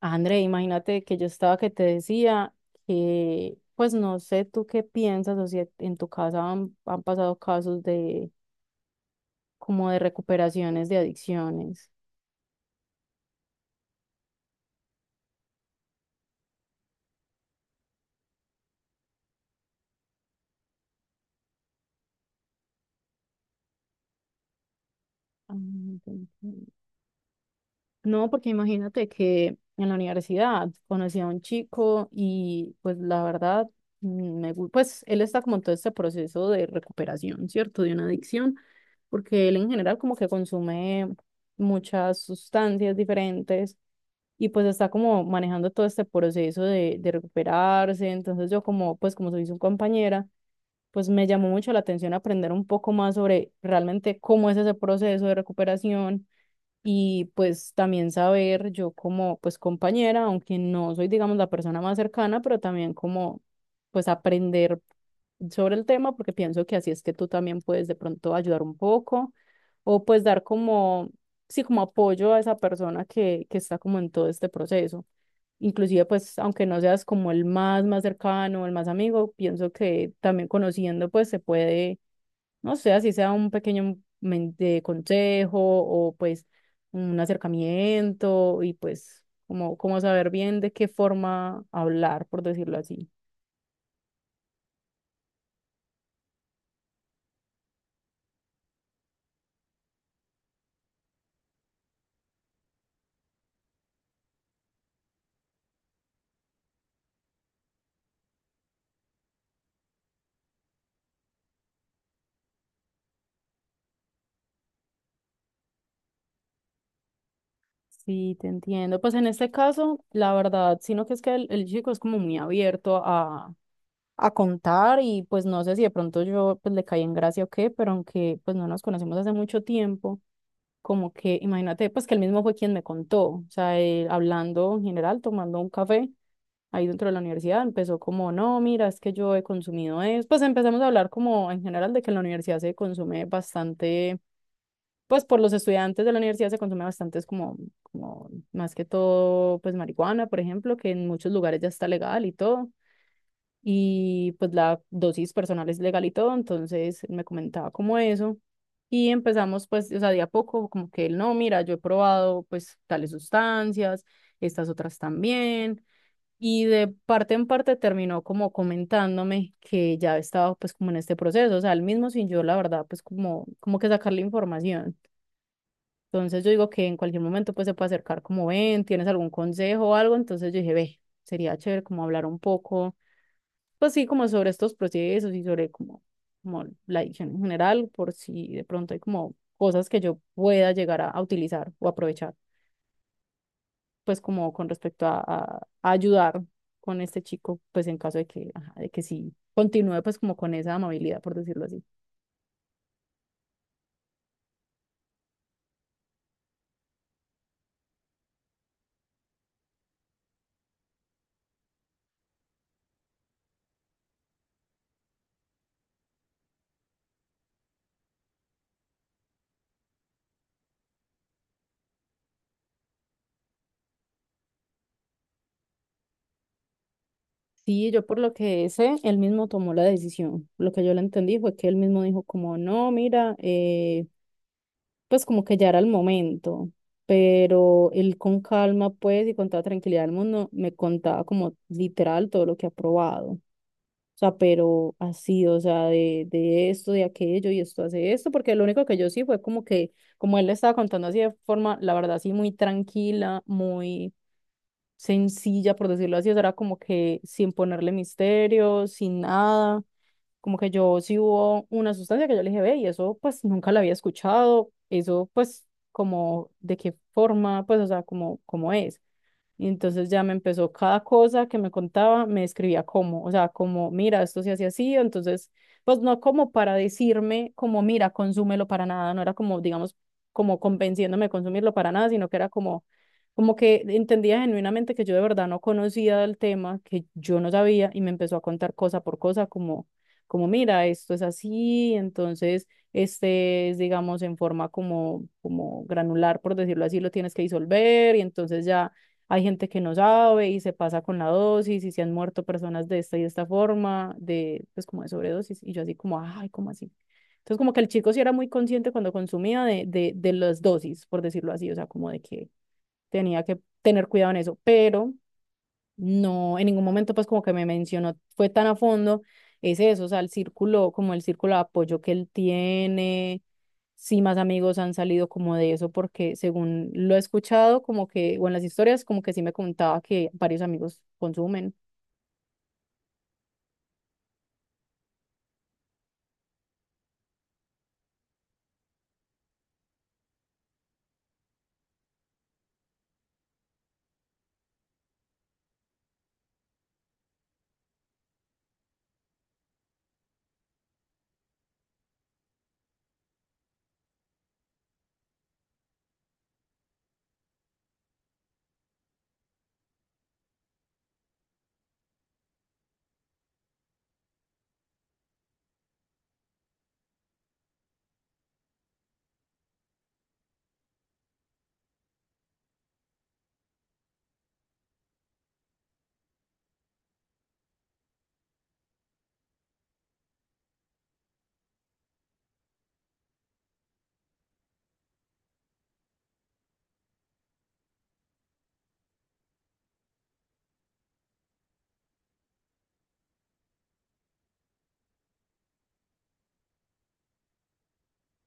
André, imagínate que yo estaba que te decía que, pues no sé tú qué piensas o si en tu casa han pasado casos de como de recuperaciones de adicciones. Ah, ok, ok. No, porque imagínate que en la universidad conocí a un chico y pues la verdad, pues él está como en todo este proceso de recuperación, ¿cierto? De una adicción, porque él en general como que consume muchas sustancias diferentes y pues está como manejando todo este proceso de recuperarse. Entonces yo como, pues como soy su compañera, pues me llamó mucho la atención aprender un poco más sobre realmente cómo es ese proceso de recuperación, y pues también saber yo como pues compañera, aunque no soy digamos la persona más cercana, pero también como pues aprender sobre el tema porque pienso que así es que tú también puedes de pronto ayudar un poco o pues dar como, sí, como apoyo a esa persona que está como en todo este proceso. Inclusive pues aunque no seas como el más más cercano, el más amigo, pienso que también conociendo pues se puede, no sé, así sea un pequeño de consejo o pues un acercamiento y pues como, como saber bien de qué forma hablar, por decirlo así. Sí, te entiendo. Pues en este caso, la verdad, sino que es que el chico es como muy abierto a contar y pues no sé si de pronto yo pues le caí en gracia o qué, pero aunque pues no nos conocemos hace mucho tiempo, como que imagínate pues que él mismo fue quien me contó, o sea, él hablando en general, tomando un café ahí dentro de la universidad, empezó como, no, mira, es que yo he consumido eso. Pues empezamos a hablar como en general de que en la universidad se consume bastante, pues por los estudiantes de la universidad se consume bastante, es como, como más que todo, pues marihuana, por ejemplo, que en muchos lugares ya está legal y todo. Y pues la dosis personal es legal y todo, entonces él me comentaba como eso. Y empezamos pues, o sea, de a poco, como que él, no, mira, yo he probado pues tales sustancias, estas otras también. Y de parte en parte terminó como comentándome que ya estaba pues como en este proceso, o sea, él mismo sin yo, la verdad, pues como, como que sacarle información. Entonces yo digo que en cualquier momento pues se puede acercar como ven, tienes algún consejo o algo, entonces yo dije, ve, sería chévere como hablar un poco, pues sí, como sobre estos procesos y sobre como, como la adicción en general, por si de pronto hay como cosas que yo pueda llegar a- a utilizar o aprovechar, pues como con respecto a ayudar con este chico, pues en caso de que, ajá, de que sí continúe pues como con esa amabilidad, por decirlo así. Sí, yo por lo que sé, él mismo tomó la decisión. Lo que yo le entendí fue que él mismo dijo como, no, mira, pues como que ya era el momento, pero él con calma pues y con toda tranquilidad del mundo me contaba como literal todo lo que ha probado. O sea, pero así, o sea, de esto, de aquello, y esto hace esto, porque lo único que yo sí fue como que, como él le estaba contando así de forma, la verdad, así muy tranquila, muy sencilla, por decirlo así, o sea, era como que sin ponerle misterio, sin nada, como que yo sí hubo una sustancia que yo le dije, ve, y eso pues nunca la había escuchado, eso pues como de qué forma, pues, o sea, como, como es. Y entonces ya me empezó cada cosa que me contaba, me escribía cómo, o sea, como, mira, esto se hace así, entonces, pues no como para decirme, como, mira, consúmelo para nada, no era como, digamos, como convenciéndome de consumirlo para nada, sino que era como, como que entendía genuinamente que yo de verdad no conocía del tema, que yo no sabía, y me empezó a contar cosa por cosa, como, como, mira, esto es así, entonces, este es, digamos, en forma como, como granular, por decirlo así, lo tienes que disolver, y entonces ya hay gente que no sabe y se pasa con la dosis y se han muerto personas de esta y de esta forma, de, pues como de sobredosis. Y yo así como, ay, ¿cómo así? Entonces como que el chico sí era muy consciente cuando consumía de las dosis, por decirlo así, o sea, como de que tenía que tener cuidado en eso, pero no, en ningún momento pues como que me mencionó, fue tan a fondo, es eso, o sea, el círculo, como el círculo de apoyo que él tiene, sí, más amigos han salido como de eso, porque según lo he escuchado, como que, o en las historias, como que sí me contaba que varios amigos consumen.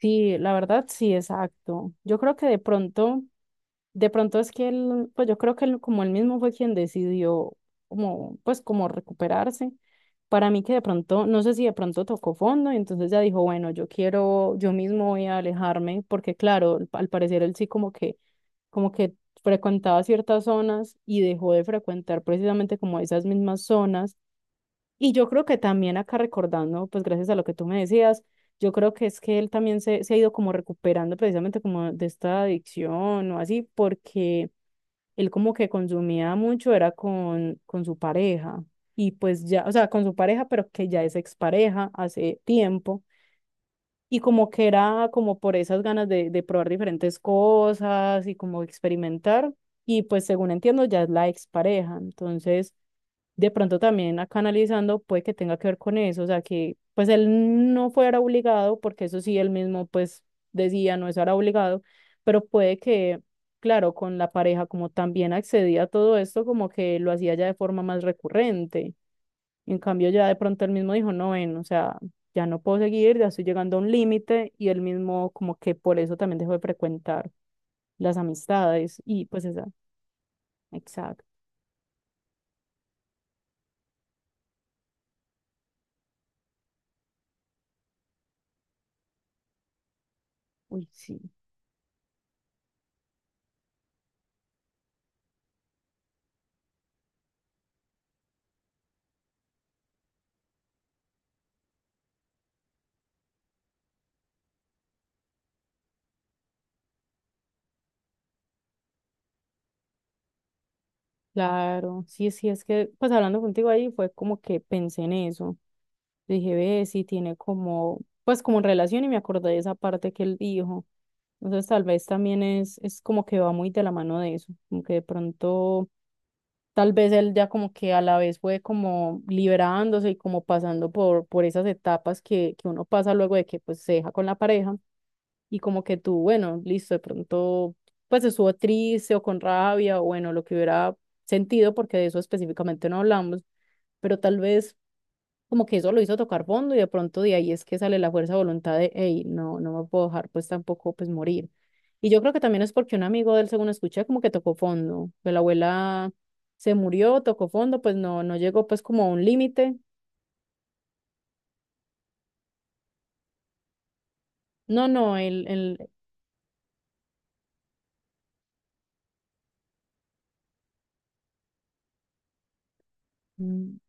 Sí, la verdad, sí, exacto. Yo creo que de pronto, de pronto es que él, pues yo creo que él, como él mismo fue quien decidió como, pues como recuperarse. Para mí que de pronto, no sé si de pronto tocó fondo y entonces ya dijo, bueno, yo quiero, yo mismo voy a alejarme, porque claro, al parecer él sí como que frecuentaba ciertas zonas y dejó de frecuentar precisamente como esas mismas zonas. Y yo creo que también acá recordando, pues gracias a lo que tú me decías, yo creo que es que él también se ha ido como recuperando precisamente como de esta adicción o así, porque él como que consumía mucho, era con su pareja. Y pues ya, o sea, con su pareja, pero que ya es expareja hace tiempo. Y como que era como por esas ganas de probar diferentes cosas y como experimentar. Y pues según entiendo, ya es la expareja. Entonces de pronto también acá analizando puede que tenga que ver con eso, o sea, que pues él no fuera obligado, porque eso sí él mismo pues decía no estar obligado, pero puede que, claro, con la pareja como también accedía a todo esto, como que lo hacía ya de forma más recurrente. En cambio ya de pronto él mismo dijo, no, ven, o sea, ya no puedo seguir, ya estoy llegando a un límite y él mismo como que por eso también dejó de frecuentar las amistades y pues esa, exacto, uy, sí. Claro, sí, sí, es que, pues hablando contigo ahí fue como que pensé en eso. Dije, ve, sí tiene como, pues como relación y me acordé de esa parte que él dijo. Entonces tal vez también es como que va muy de la mano de eso, como que de pronto, tal vez él ya como que a la vez fue como liberándose y como pasando por esas etapas que uno pasa luego de que pues se deja con la pareja y como que tú, bueno, listo, de pronto, pues estuvo triste o con rabia o bueno, lo que hubiera sentido, porque de eso específicamente no hablamos, pero tal vez como que eso lo hizo tocar fondo y de pronto de ahí es que sale la fuerza de voluntad de, hey, no, no me puedo dejar pues tampoco pues morir. Y yo creo que también es porque un amigo de él, según escuché, como que tocó fondo, que la abuela se murió, tocó fondo, pues no, no llegó pues como a un límite. No, no, él, él,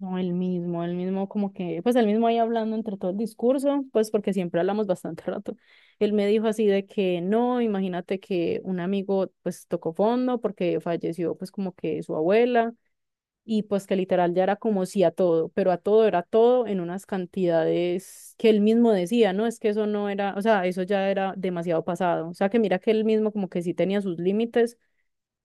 No, el mismo como que, pues el mismo ahí hablando entre todo el discurso, pues porque siempre hablamos bastante rato. Él me dijo así de que no, imagínate que un amigo pues tocó fondo porque falleció pues como que su abuela y pues que literal ya era como sí a todo, pero a todo era todo en unas cantidades que él mismo decía, ¿no? Es que eso no era, o sea, eso ya era demasiado pasado. O sea, que mira que él mismo como que sí tenía sus límites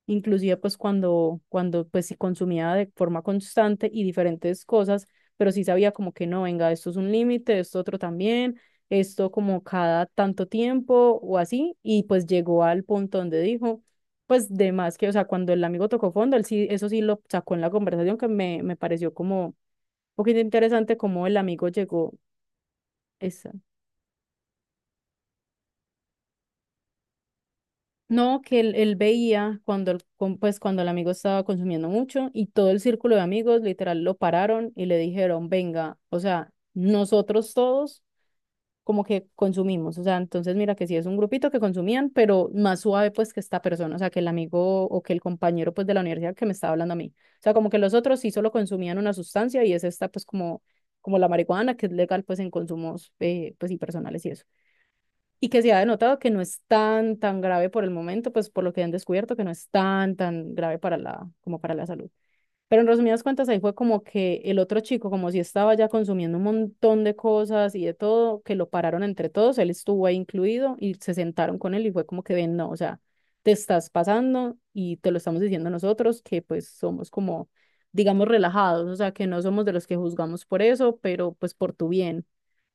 inclusive pues cuando pues si consumía de forma constante y diferentes cosas, pero sí sabía como que no, venga, esto es un límite, esto otro también, esto como cada tanto tiempo o así, y pues llegó al punto donde dijo, pues de más que, o sea, cuando el amigo tocó fondo, él sí, eso sí lo sacó en la conversación me pareció como un poquito interesante como el amigo llegó, esa, No, que él veía cuando pues cuando el amigo estaba consumiendo mucho y todo el círculo de amigos literal lo pararon y le dijeron, venga, o sea, nosotros todos como que consumimos, o sea, entonces mira que sí es un grupito que consumían, pero más suave pues que esta persona, o sea, que el amigo o que el compañero pues de la universidad que me estaba hablando a mí, o sea, como que los otros sí solo consumían una sustancia y es esta pues como, como la marihuana que es legal pues en consumos pues y personales y eso y que se ha denotado que no es tan, tan grave por el momento, pues por lo que han descubierto, que no es tan, tan grave para la, como para la salud. Pero en resumidas cuentas, ahí fue como que el otro chico, como si estaba ya consumiendo un montón de cosas y de todo, que lo pararon entre todos, él estuvo ahí incluido y se sentaron con él y fue como que ven, no, o sea, te estás pasando y te lo estamos diciendo nosotros, que pues somos como, digamos, relajados, o sea, que no somos de los que juzgamos por eso, pero pues por tu bien.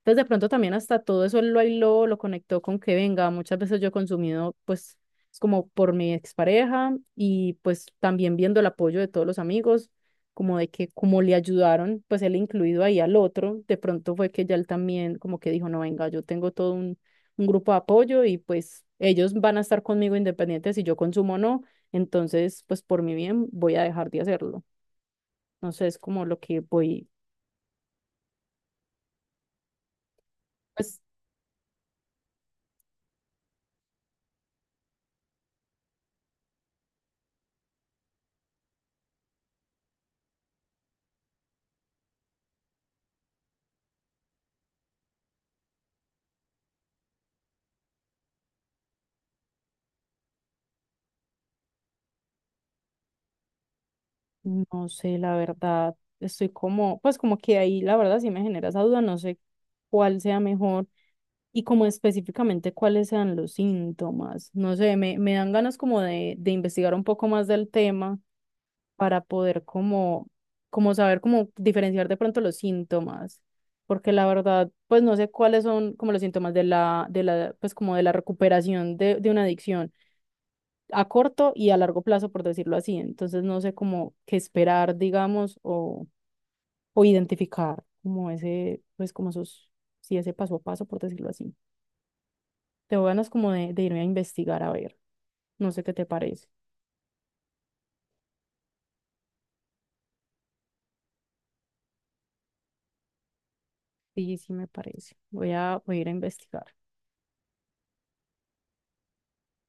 Entonces, de pronto también hasta todo eso él lo aisló, lo conectó con que venga, muchas veces yo he consumido, pues es como por mi expareja y pues también viendo el apoyo de todos los amigos, como de que como le ayudaron, pues él incluido ahí al otro, de pronto fue que ya él también como que dijo, no, venga, yo tengo todo un grupo de apoyo y pues ellos van a estar conmigo independientes si yo consumo o no, entonces pues por mi bien voy a dejar de hacerlo. No sé, es como lo que voy, pues no sé, la verdad, estoy como, pues como que ahí la verdad sí me genera esa duda, no sé cuál sea mejor. Y como específicamente cuáles sean los síntomas. No sé, me dan ganas como de investigar un poco más del tema para poder como, como saber cómo diferenciar de pronto los síntomas. Porque la verdad, pues no sé cuáles son como los síntomas de pues como de la recuperación de una adicción a corto y a largo plazo, por decirlo así. Entonces no sé cómo qué esperar, digamos, o identificar como ese, pues como esos, sí, ese paso a paso, por decirlo así. Tengo ganas como de irme a investigar a ver. No sé qué te parece. Sí, sí me parece. Voy a ir a investigar.